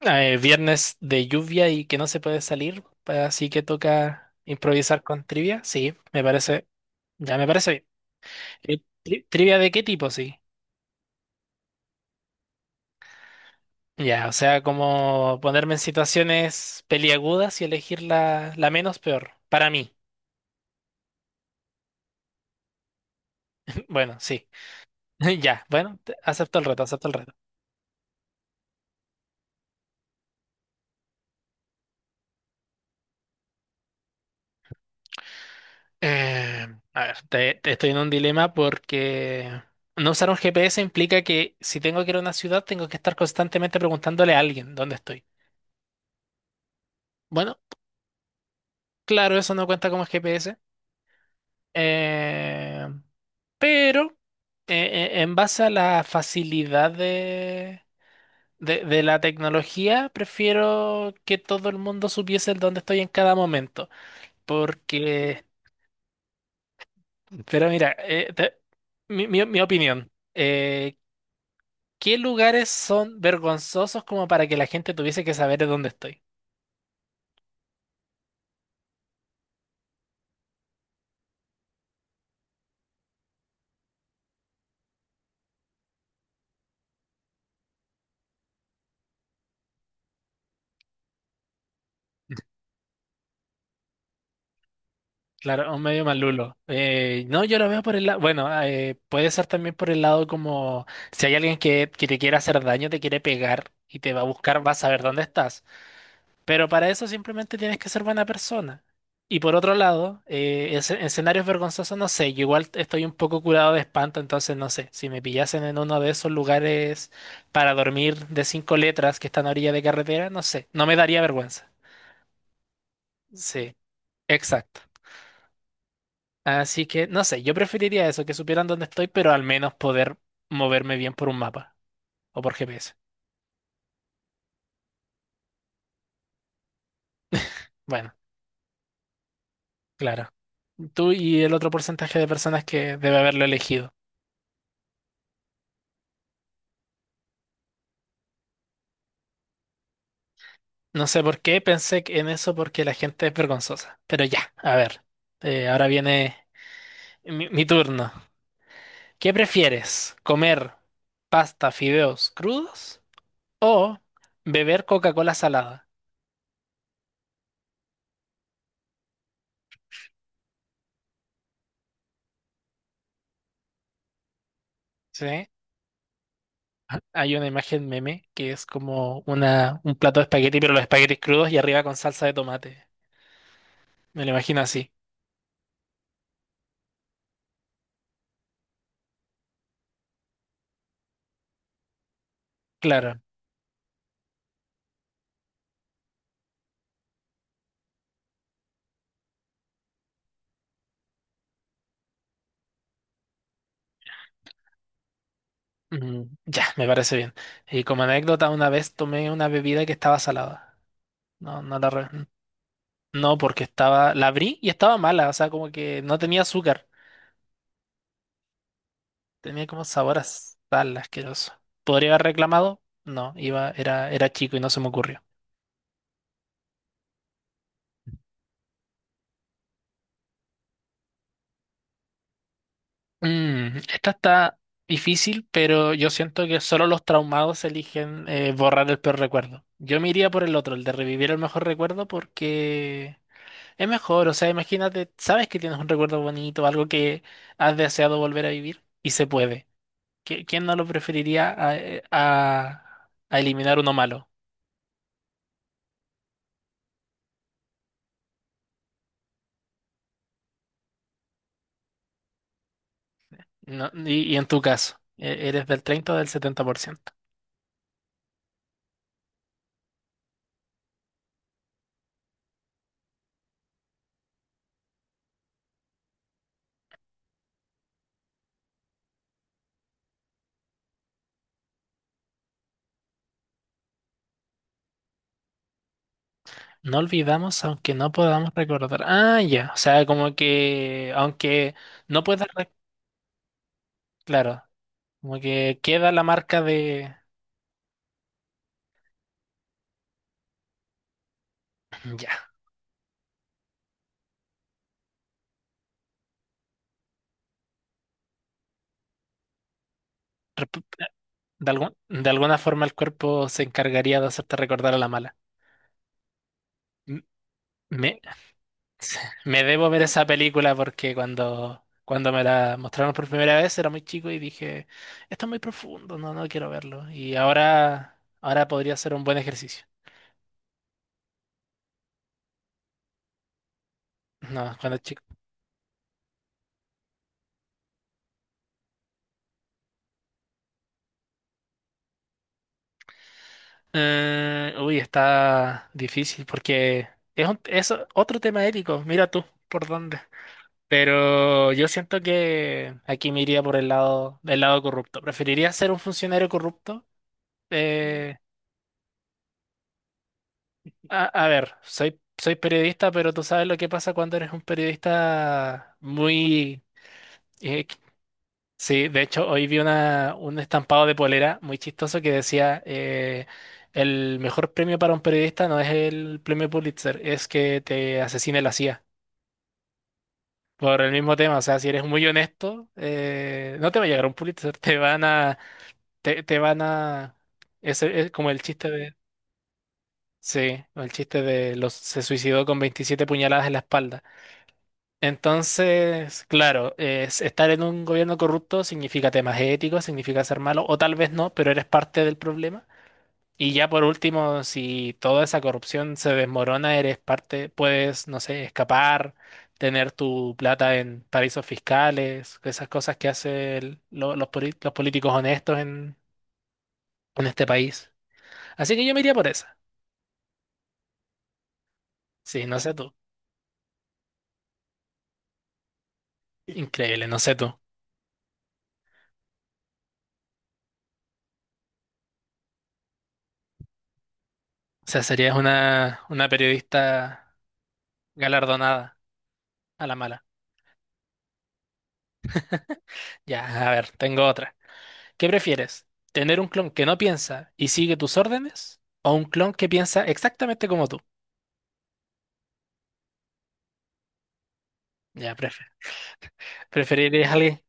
Viernes de lluvia y que no se puede salir, así que toca improvisar con trivia. Sí, me parece, ya me parece bien. Eh, ¿Trivia de qué tipo? Sí. Ya, o sea, como ponerme en situaciones peliagudas y elegir la menos peor, para mí. Bueno, sí. Ya, bueno, acepto el reto, acepto el reto. Eh, a ver, te estoy en un dilema porque no usar un GPS implica que si tengo que ir a una ciudad, tengo que estar constantemente preguntándole a alguien dónde estoy. Bueno, claro, eso no cuenta como GPS. eh, pero en base a la facilidad de la tecnología, prefiero que todo el mundo supiese el dónde estoy en cada momento. Porque, pero mira, mi opinión, ¿qué lugares son vergonzosos como para que la gente tuviese que saber de dónde estoy? Claro, un medio malulo. No, yo lo veo por el lado, bueno, puede ser también por el lado como si hay alguien que te quiere hacer daño, te quiere pegar y te va a buscar, va a saber dónde estás. Pero para eso simplemente tienes que ser buena persona. Y por otro lado, en escenarios vergonzosos, no sé, yo igual estoy un poco curado de espanto, entonces no sé, si me pillasen en uno de esos lugares para dormir de cinco letras que están a orilla de carretera, no sé, no me daría vergüenza. Sí, exacto. Así que, no sé, yo preferiría eso, que supieran dónde estoy, pero al menos poder moverme bien por un mapa o por GPS. Bueno, claro. Tú y el otro porcentaje de personas que debe haberlo elegido. No sé por qué pensé en eso porque la gente es vergonzosa. Pero ya, a ver. Ahora viene mi turno. ¿Qué prefieres? ¿Comer pasta, fideos crudos o beber Coca-Cola salada? ¿Sí? Hay una imagen meme que es como un plato de espagueti, pero los espaguetis crudos y arriba con salsa de tomate. Me lo imagino así. Claro. Mm, ya, me parece bien. Y como anécdota, una vez tomé una bebida que estaba salada. No, no, no, porque estaba. La abrí y estaba mala. O sea, como que no tenía azúcar. Tenía como sabor a sal asqueroso. ¿Podría haber reclamado? No, era chico y no se me ocurrió. Mm, esta está difícil, pero yo siento que solo los traumados eligen, borrar el peor recuerdo. Yo me iría por el otro, el de revivir el mejor recuerdo, porque es mejor. O sea, imagínate, sabes que tienes un recuerdo bonito, algo que has deseado volver a vivir y se puede. ¿Quién no lo preferiría a eliminar uno malo? No, y en tu caso, ¿eres del 30 o del 70%? No olvidamos aunque no podamos recordar. Ah, ya. O sea, como que aunque no puedas, claro, como que queda la marca de... Mm, ya. Rep- De de alguna forma el cuerpo se encargaría de hacerte recordar a la mala. M- Me, me debo ver esa película porque cuando me la mostraron por primera vez era muy chico y dije, esto es muy profundo, no, no quiero verlo. Y ahora, ahora podría ser un buen ejercicio. No, cuando chico. Uy, está difícil porque es otro tema ético, mira tú por dónde. Pero yo siento que aquí me iría por el lado del lado corrupto. ¿Preferiría ser un funcionario corrupto? Eh, a ver, soy periodista, pero tú sabes lo que pasa cuando eres un periodista muy, eh, sí, de hecho, hoy vi un estampado de polera muy chistoso que decía, el mejor premio para un periodista no es el premio Pulitzer, es que te asesine la CIA. Por el mismo tema, o sea, si eres muy honesto, no te va a llegar un Pulitzer, te van a, te van a, es como el chiste de, sí, el chiste de los, se suicidó con 27 puñaladas en la espalda. Entonces, claro, estar en un gobierno corrupto significa temas éticos, significa ser malo, o tal vez no, pero eres parte del problema. Y ya por último, si toda esa corrupción se desmorona, eres parte, puedes, no sé, escapar, tener tu plata en paraísos fiscales, esas cosas que hacen los políticos honestos en este país. Así que yo me iría por esa. Sí, no sé tú. Increíble, no sé tú. O sea, serías una periodista galardonada a la mala. Ya, a ver, tengo otra. ¿Qué prefieres? ¿Tener un clon que no piensa y sigue tus órdenes? ¿O un clon que piensa exactamente como tú? Ya, preferirías a alguien.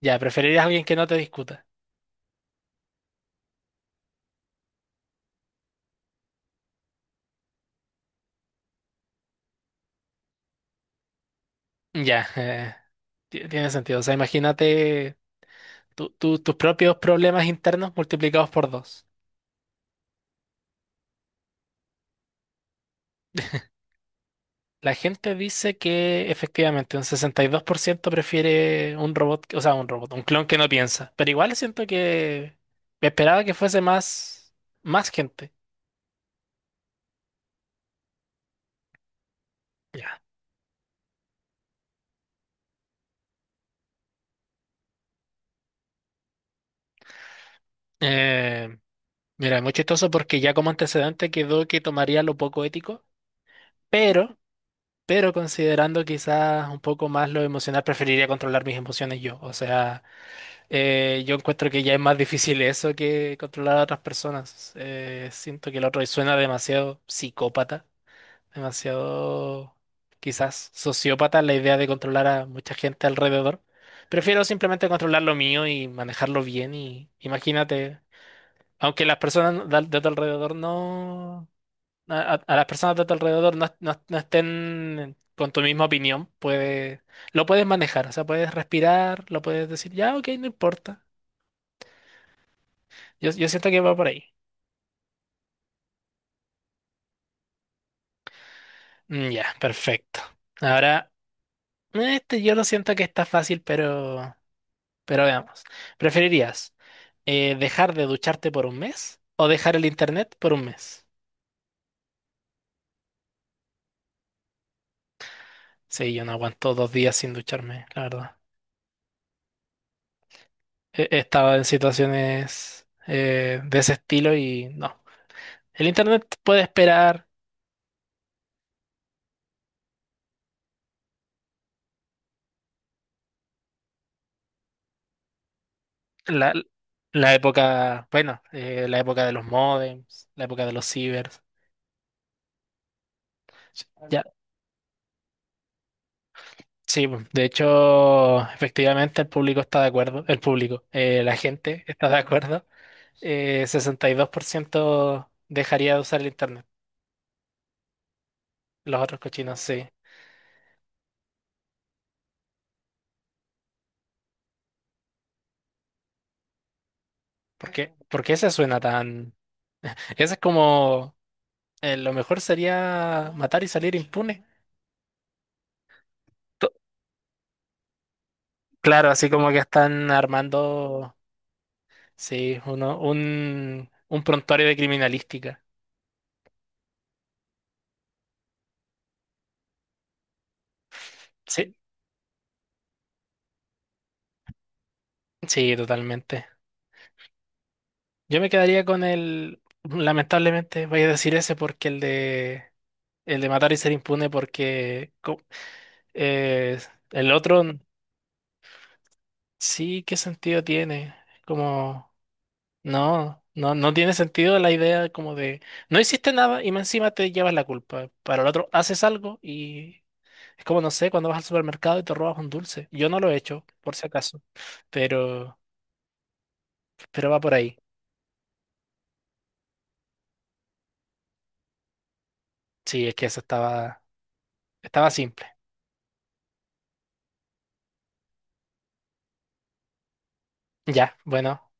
Ya, preferirías a alguien que no te discuta. Ya, tiene sentido. O sea, imagínate tus propios problemas internos multiplicados por dos. La gente dice que efectivamente un 62% prefiere un robot, o sea, un robot, un clon que no piensa. Pero igual siento que me esperaba que fuese más, más gente. Ya. Eh, Mira, muy chistoso porque ya como antecedente quedó que tomaría lo poco ético, pero, pero considerando quizás un poco más lo emocional, preferiría controlar mis emociones yo. O sea, yo encuentro que ya es más difícil eso que controlar a otras personas. Siento que el otro suena demasiado psicópata, demasiado quizás sociópata la idea de controlar a mucha gente alrededor. Prefiero simplemente controlar lo mío y manejarlo bien y imagínate. Aunque las personas no, de tu alrededor no. A las personas de tu alrededor no, no estén con tu misma opinión, puede, lo puedes manejar. O sea, puedes respirar, lo puedes decir, ya, ok, no importa. Yo siento que va por ahí. Mm, ya, perfecto. Ahora, este yo lo siento que está fácil, pero veamos. ¿Preferirías dejar de ducharte por un mes o dejar el internet por un mes? Sí, yo no aguanto 2 días sin ducharme, la verdad. he estado en situaciones de ese estilo y no. El internet puede esperar la, la época, bueno, la época de los modems, la época de los cibers. Ya, sí, pues, de hecho, efectivamente el público está de acuerdo, el público, la gente está de acuerdo. 62% dejaría de usar el internet. Los otros cochinos sí. ¿Por qué? ¿Por qué se suena tan? Ese es como, lo mejor sería matar y salir impune. Claro, así como que están armando, sí, un prontuario de criminalística. Sí, sí, totalmente. Yo me quedaría con el, lamentablemente voy a decir ese porque el de matar y ser impune porque eh, el otro, sí, ¿qué sentido tiene? Como, no, no, no tiene sentido la idea como de, no hiciste nada y más encima te llevas la culpa. Para el otro, haces algo. Es como, no sé, cuando vas al supermercado y te robas un dulce. Yo no lo he hecho, por si acaso, pero, pero va por ahí. Sí, es que eso estaba simple. Ya, bueno.